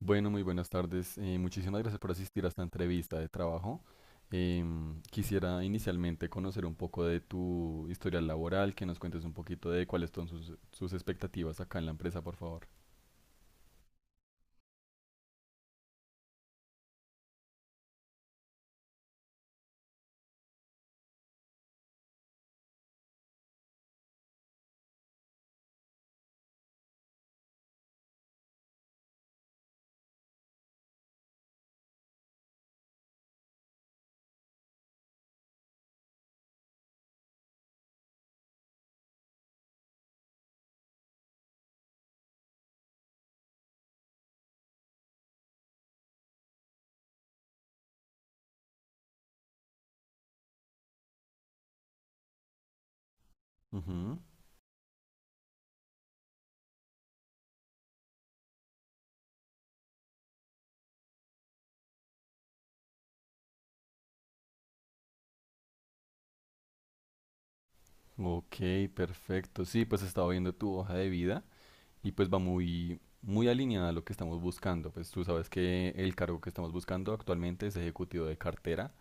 Bueno, muy buenas tardes. Muchísimas gracias por asistir a esta entrevista de trabajo. Quisiera inicialmente conocer un poco de tu historial laboral, que nos cuentes un poquito de cuáles son sus expectativas acá en la empresa, por favor. Ujú. Ok, perfecto. Sí, pues estaba viendo tu hoja de vida y pues va muy alineada a lo que estamos buscando. Pues tú sabes que el cargo que estamos buscando actualmente es ejecutivo de cartera.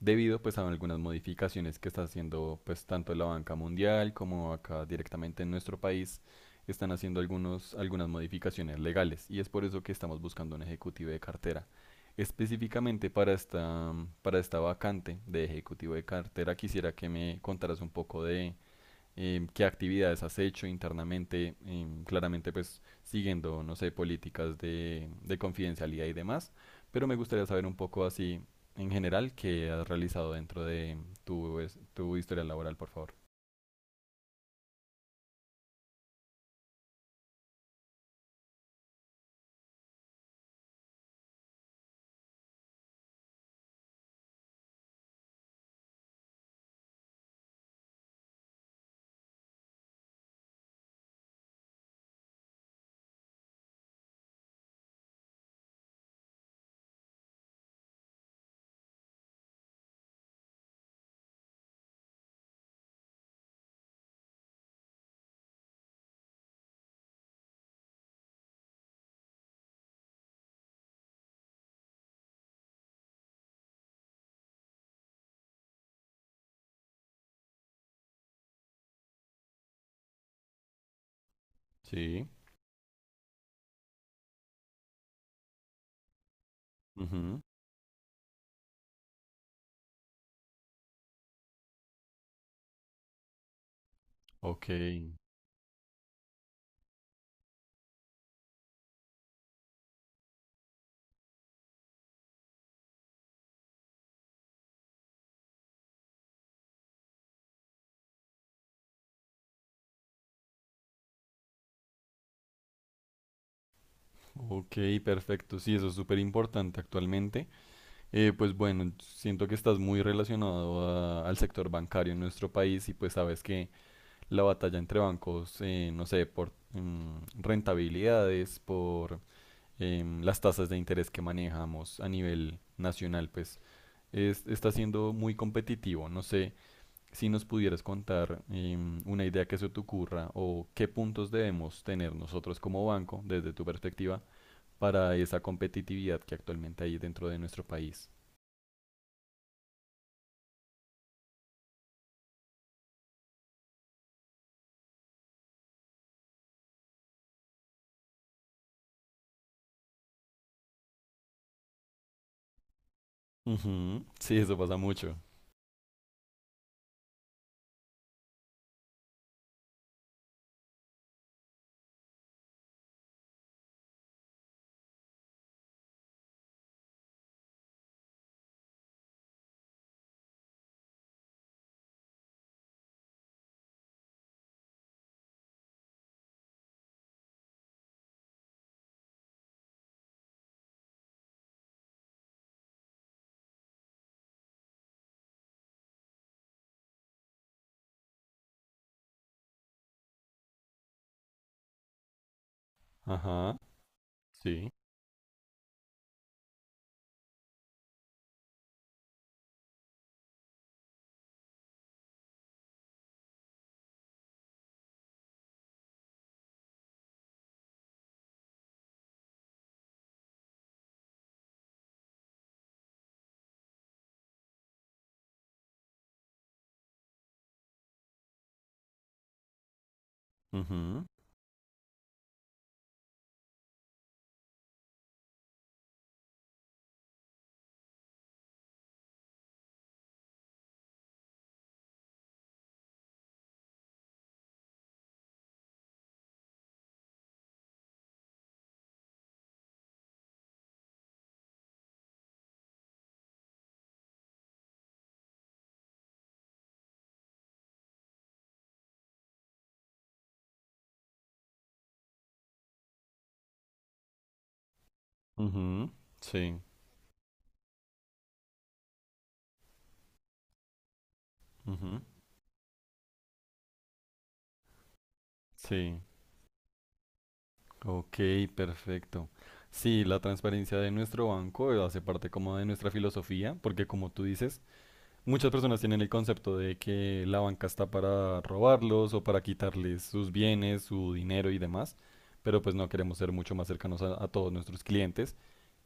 Debido pues a algunas modificaciones que está haciendo pues tanto la banca mundial como acá directamente en nuestro país están haciendo algunas modificaciones legales y es por eso que estamos buscando un ejecutivo de cartera. Específicamente para esta, para esta vacante de ejecutivo de cartera quisiera que me contaras un poco de qué actividades has hecho internamente. Claramente pues siguiendo, no sé, políticas de confidencialidad y demás, pero me gustaría saber un poco así en general qué has realizado dentro de tu historia laboral, por favor. Sí. Ujú. Ok, ok, perfecto. Sí, eso es súper importante actualmente. Pues bueno, siento que estás muy relacionado al sector bancario en nuestro país y pues sabes que la batalla entre bancos, no sé, por rentabilidades, por las tasas de interés que manejamos a nivel nacional, pues está siendo muy competitivo. No sé si nos pudieras contar una idea que se te ocurra o qué puntos debemos tener nosotros como banco, desde tu perspectiva, para esa competitividad que actualmente hay dentro de nuestro país. Ujú, sí, eso pasa mucho. Ajá, sí. Ujú, ujú, sí. Ujú. Sí, ok, perfecto. Sí, la transparencia de nuestro banco hace parte como de nuestra filosofía, porque como tú dices, muchas personas tienen el concepto de que la banca está para robarlos o para quitarles sus bienes, su dinero y demás, pero pues no queremos ser mucho más cercanos a todos nuestros clientes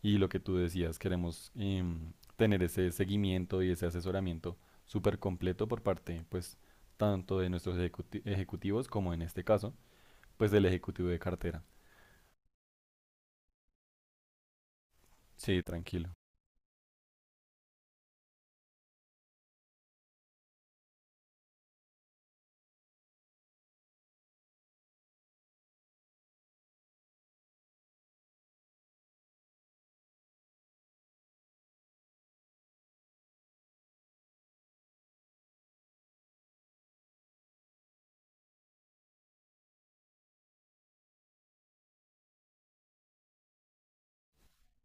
y lo que tú decías, queremos tener ese seguimiento y ese asesoramiento súper completo por parte pues tanto de nuestros ejecutivos como en este caso pues del ejecutivo de cartera. Sí, tranquilo.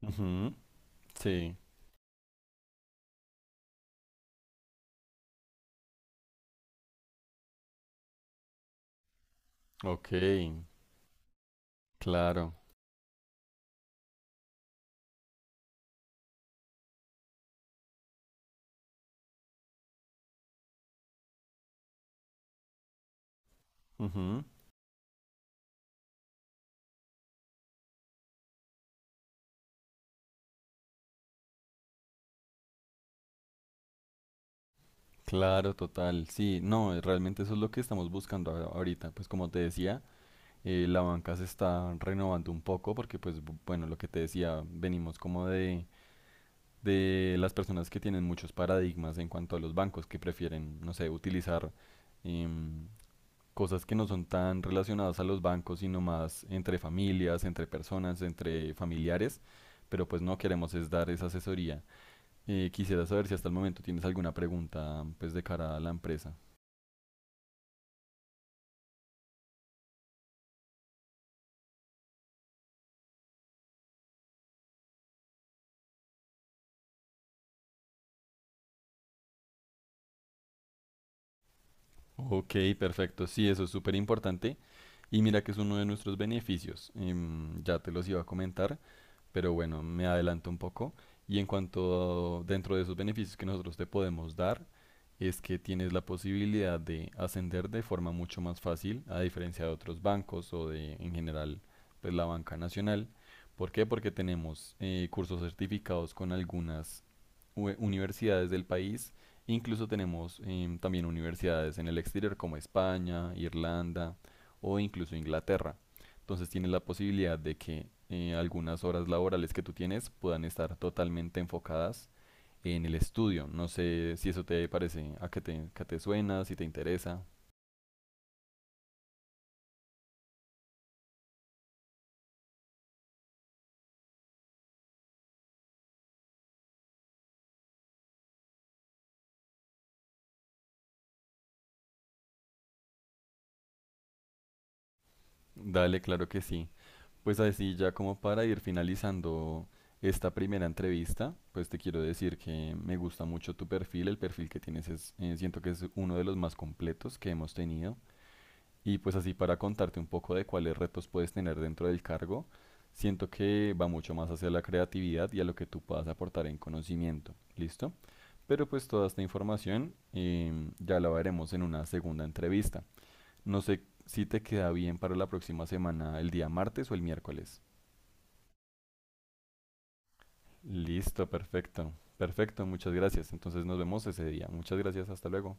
Ujú, sí, ok, claro, ujú, claro, total, sí, no, realmente eso es lo que estamos buscando ahorita, pues como te decía, la banca se está renovando un poco porque pues bueno, lo que te decía, venimos como de las personas que tienen muchos paradigmas en cuanto a los bancos que prefieren, no sé, utilizar em, cosas que no son tan relacionadas a los bancos, sino más entre familias, entre personas, entre familiares, pero pues no queremos es dar esa asesoría. Quisiera saber si hasta el momento tienes alguna pregunta pues de cara a la empresa. Ok, perfecto. Sí, eso es súper importante. Y mira que es uno de nuestros beneficios. Ya te los iba a comentar. Pero bueno, me adelanto un poco. Y en cuanto a, dentro de esos beneficios que nosotros te podemos dar, es que tienes la posibilidad de ascender de forma mucho más fácil, a diferencia de otros bancos o de en general pues, la banca nacional. ¿Por qué? Porque tenemos cursos certificados con algunas universidades del país. Incluso tenemos también universidades en el exterior como España, Irlanda o incluso Inglaterra. Entonces tienes la posibilidad de que algunas horas laborales que tú tienes puedan estar totalmente enfocadas en el estudio. No sé si eso te parece, a que que te suena, si te interesa. Dale, claro que sí. Pues así ya como para ir finalizando esta primera entrevista, pues te quiero decir que me gusta mucho tu perfil, el perfil que tienes es, siento que es uno de los más completos que hemos tenido. Y pues así para contarte un poco de cuáles retos puedes tener dentro del cargo, siento que va mucho más hacia la creatividad y a lo que tú puedas aportar en conocimiento, ¿listo? Pero pues toda esta información ya la veremos en una segunda entrevista. No sé si te queda bien para la próxima semana, el día martes o el miércoles. Listo, perfecto. Perfecto, muchas gracias. Entonces nos vemos ese día. Muchas gracias, hasta luego.